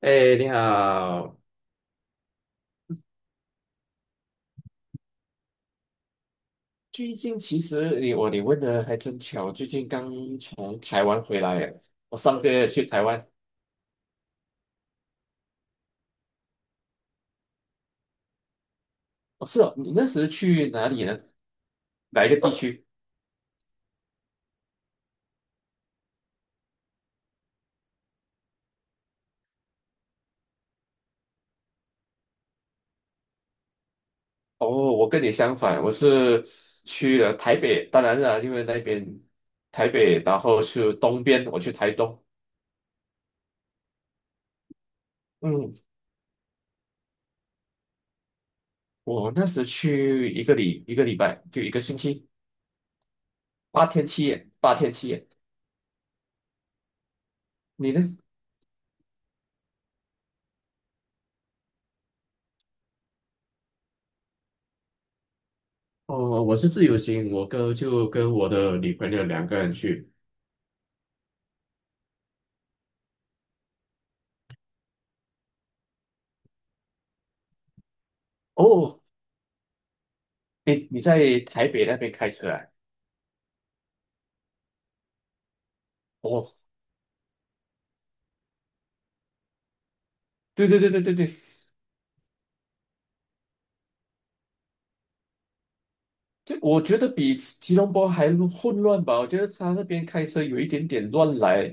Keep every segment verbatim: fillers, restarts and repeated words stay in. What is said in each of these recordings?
哎，你好！最近其实你我你问的还真巧，最近刚从台湾回来耶，我上个月去台湾。哦，是哦，你那时去哪里呢？哪一个地区？哦，我跟你相反，我是去了台北，当然了，因为那边台北，然后是东边，我去台东。嗯，我那时去一个礼一个礼拜，就一个星期，八天七夜，八天七夜。你呢？哦，我是自由行，我跟就跟我的女朋友两个人去。哦，你你在台北那边开车啊？哦，对对对对对对，对，我觉得比吉隆坡还混乱吧？我觉得他那边开车有一点点乱来。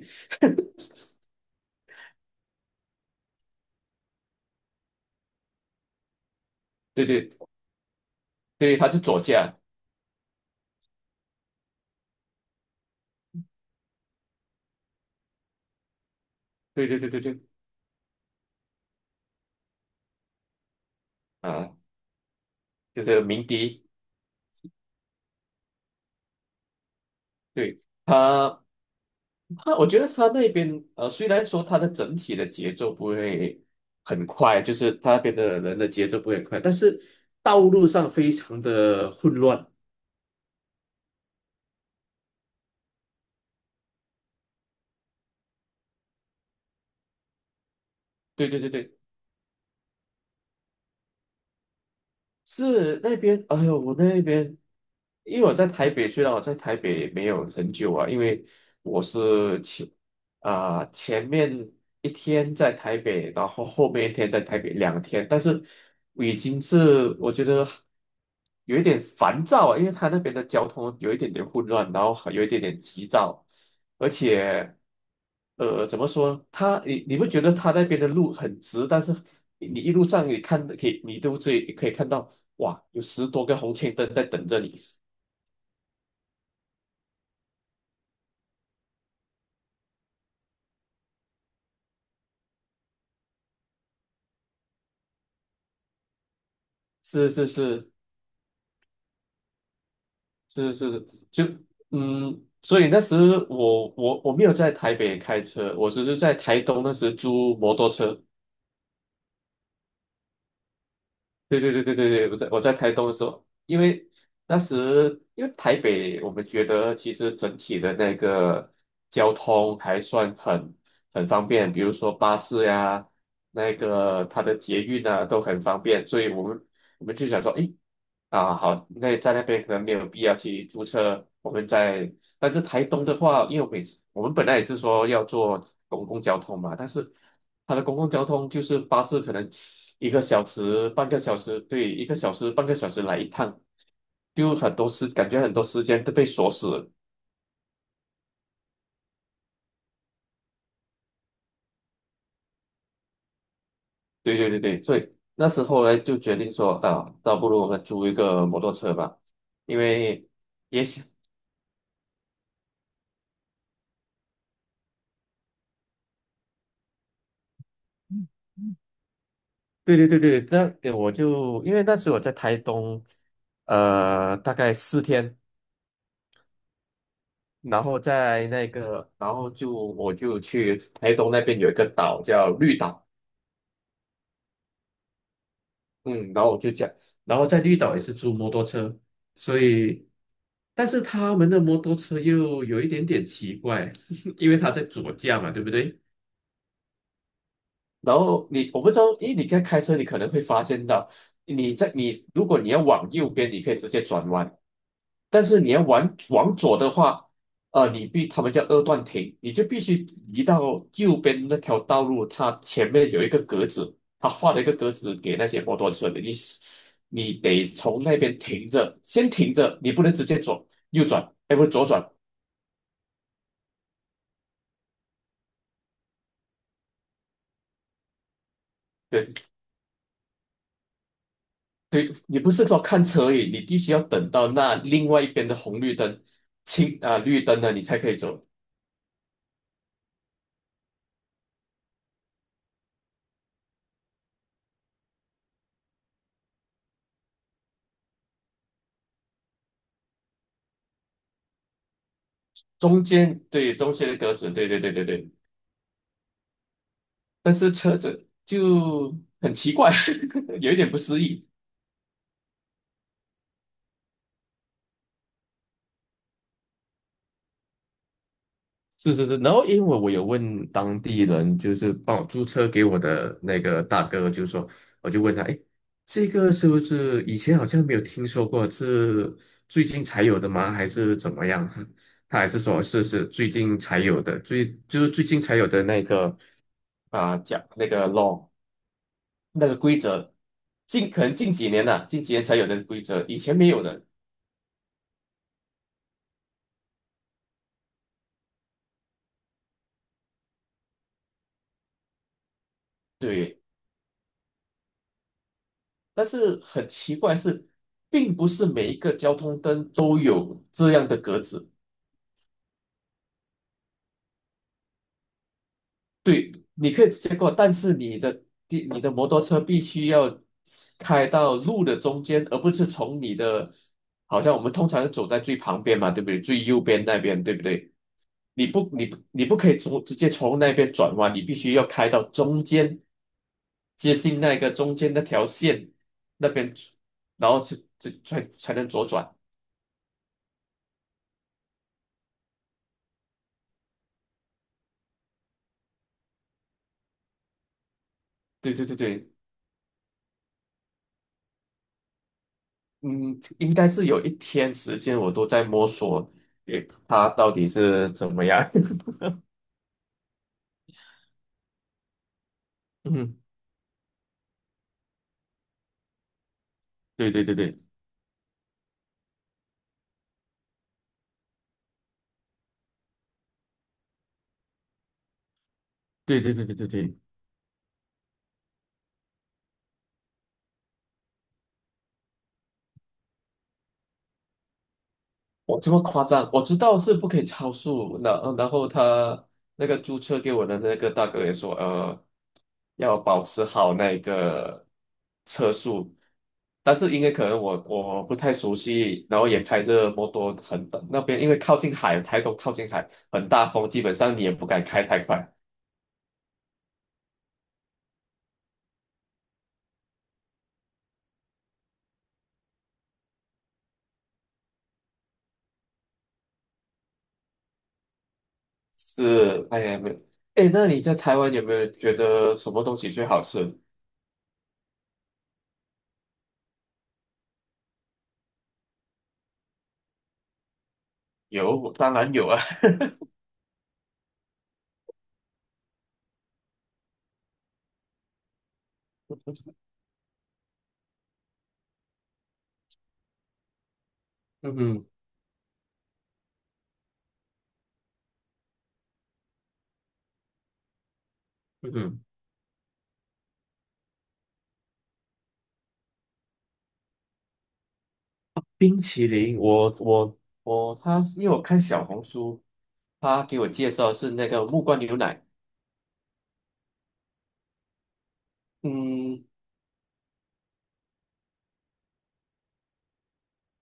对对对，他是左驾。对对对对对，啊，就是鸣笛。对他。啊，我觉得他那边呃，虽然说他的整体的节奏不会很快，就是他那边的人的节奏不会很快，但是道路上非常的混乱。对对对对，是那边，哎呦，我那边，因为我在台北，虽然我在台北没有很久啊，因为我是前啊、前面一天在台北，然后后面一天在台北两天，但是我已经是我觉得有一点烦躁啊，因为他那边的交通有一点点混乱，然后还有一点点急躁，而且，呃，怎么说呢？他你你不觉得他那边的路很直？但是你你一路上你看的可以，你都最可以看到，哇，有十多个红绿灯在等着你。是是是是是，就嗯，所以那时我我我没有在台北开车，我只是在台东那时租摩托车。对对对对对对，我在我在台东的时候，因为当时因为台北，我们觉得其实整体的那个交通还算很很方便，比如说巴士呀、那个它的捷运啊都很方便，所以我们我们就想说，诶，啊好，那在那边可能没有必要去租车，我们在但是台东的话，因为我每次我们本来也是说要做公共交通嘛，但是它的公共交通就是巴士，可能一个小时、半个小时，对，一个小时、半个小时来一趟，就很多时感觉很多时间都被锁死了。对对对对，所以那时候呢就决定说啊，倒不如我们租一个摩托车吧，因为也想，对对对对，那呃我就因为那时我在台东，呃，大概四天。然后在那个，然后就我就去台东那边有一个岛叫绿岛，嗯，然后我就讲，然后在绿岛也是租摩托车，所以，但是他们的摩托车又有一点点奇怪，因为他在左驾嘛，对不对？然后你我不知道，因为你在开车，你可能会发现到，你在你如果你要往右边，你可以直接转弯，但是你要往往左的话，呃，你必他们叫二段停，你就必须移到右边那条道路，它前面有一个格子，它画了一个格子给那些摩托车的，你你得从那边停着，先停着，你不能直接左右转，哎，不是左转，对对，你不是说看车而已，你必须要等到那另外一边的红绿灯、青啊、绿灯了，你才可以走。中间对中间的格子，对对对对对。但是车子就很奇怪，有一点不适应。是是是，然后因为我有问当地人，就是帮我租车给我的那个大哥，就是说，我就问他，哎，这个是不是以前好像没有听说过，是最近才有的吗？还是怎么样？他还是说是是最近才有的，最就是最近才有的那个啊，讲那个 law 那个规则，近可能近几年呐、近几年才有的规则，以前没有的。对。但是很奇怪是，并不是每一个交通灯都有这样的格子。对，你可以直接过，但是你的地你的摩托车必须要开到路的中间，而不是从你的，好像我们通常是走在最旁边嘛，对不对？最右边那边，对不对？你不你不你不可以从直接从那边转弯，你必须要开到中间，接近那个中间那条线那边，然后才才才才能左转。对对对对，嗯，应该是有一天时间我都在摸索，诶，它到底是怎么样？嗯，对对对对对对对对对对，我这么夸张，我知道是不可以超速，那后然后他那个租车给我的那个大哥也说，呃，要保持好那个车速，但是因为可能我我不太熟悉，然后也开着摩托很那边，因为靠近海，台东靠近海，很大风，基本上你也不敢开太快。是，哎呀，没有。哎，那你在台湾有没有觉得什么东西最好吃？有，当然有啊。嗯哼，嗯哼，冰淇淋，我我我，他因为我看小红书，他给我介绍是那个木瓜牛奶。嗯，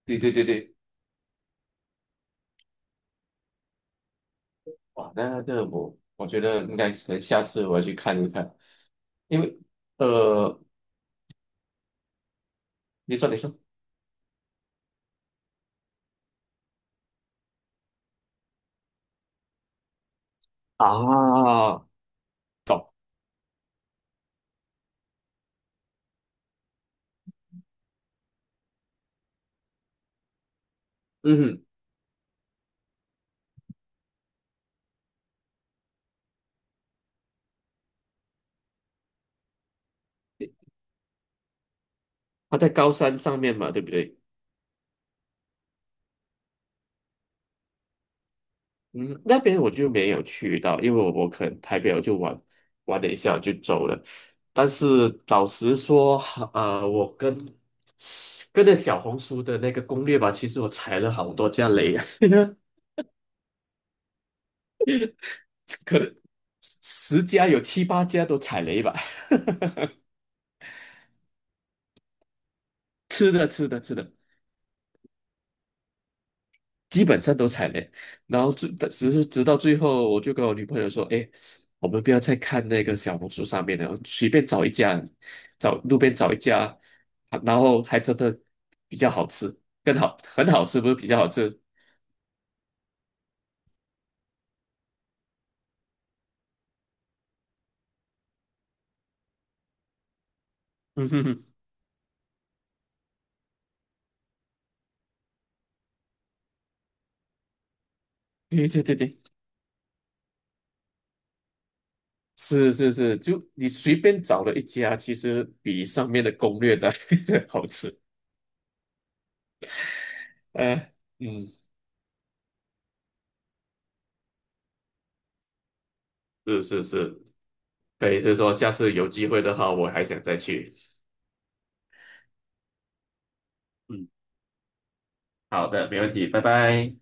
对对对对，哇，那个我我觉得应该可能下次我要去看一看，因为呃，你说你说啊，懂，嗯他在高山上面嘛，对不对？嗯，那边我就没有去到，因为我我可能台北我就玩玩了一下我就走了。但是老实说，呃，我跟跟着小红书的那个攻略吧，其实我踩了好多家雷啊，可能十家有七八家都踩雷吧。吃的吃的吃的，基本上都踩雷，然后最只是直到最后，我就跟我女朋友说："哎，我们不要再看那个小红书上面了，随便找一家，找路边找一家，啊然后还真的比较好吃，更好，很好吃，不是比较好吃。"嗯哼哼，对 对对对，是是是，就你随便找了一家，其实比上面的攻略的 好吃。呃，嗯，是是是，可以是说下次有机会的话，我还想再去。嗯，好的，没问题，拜拜。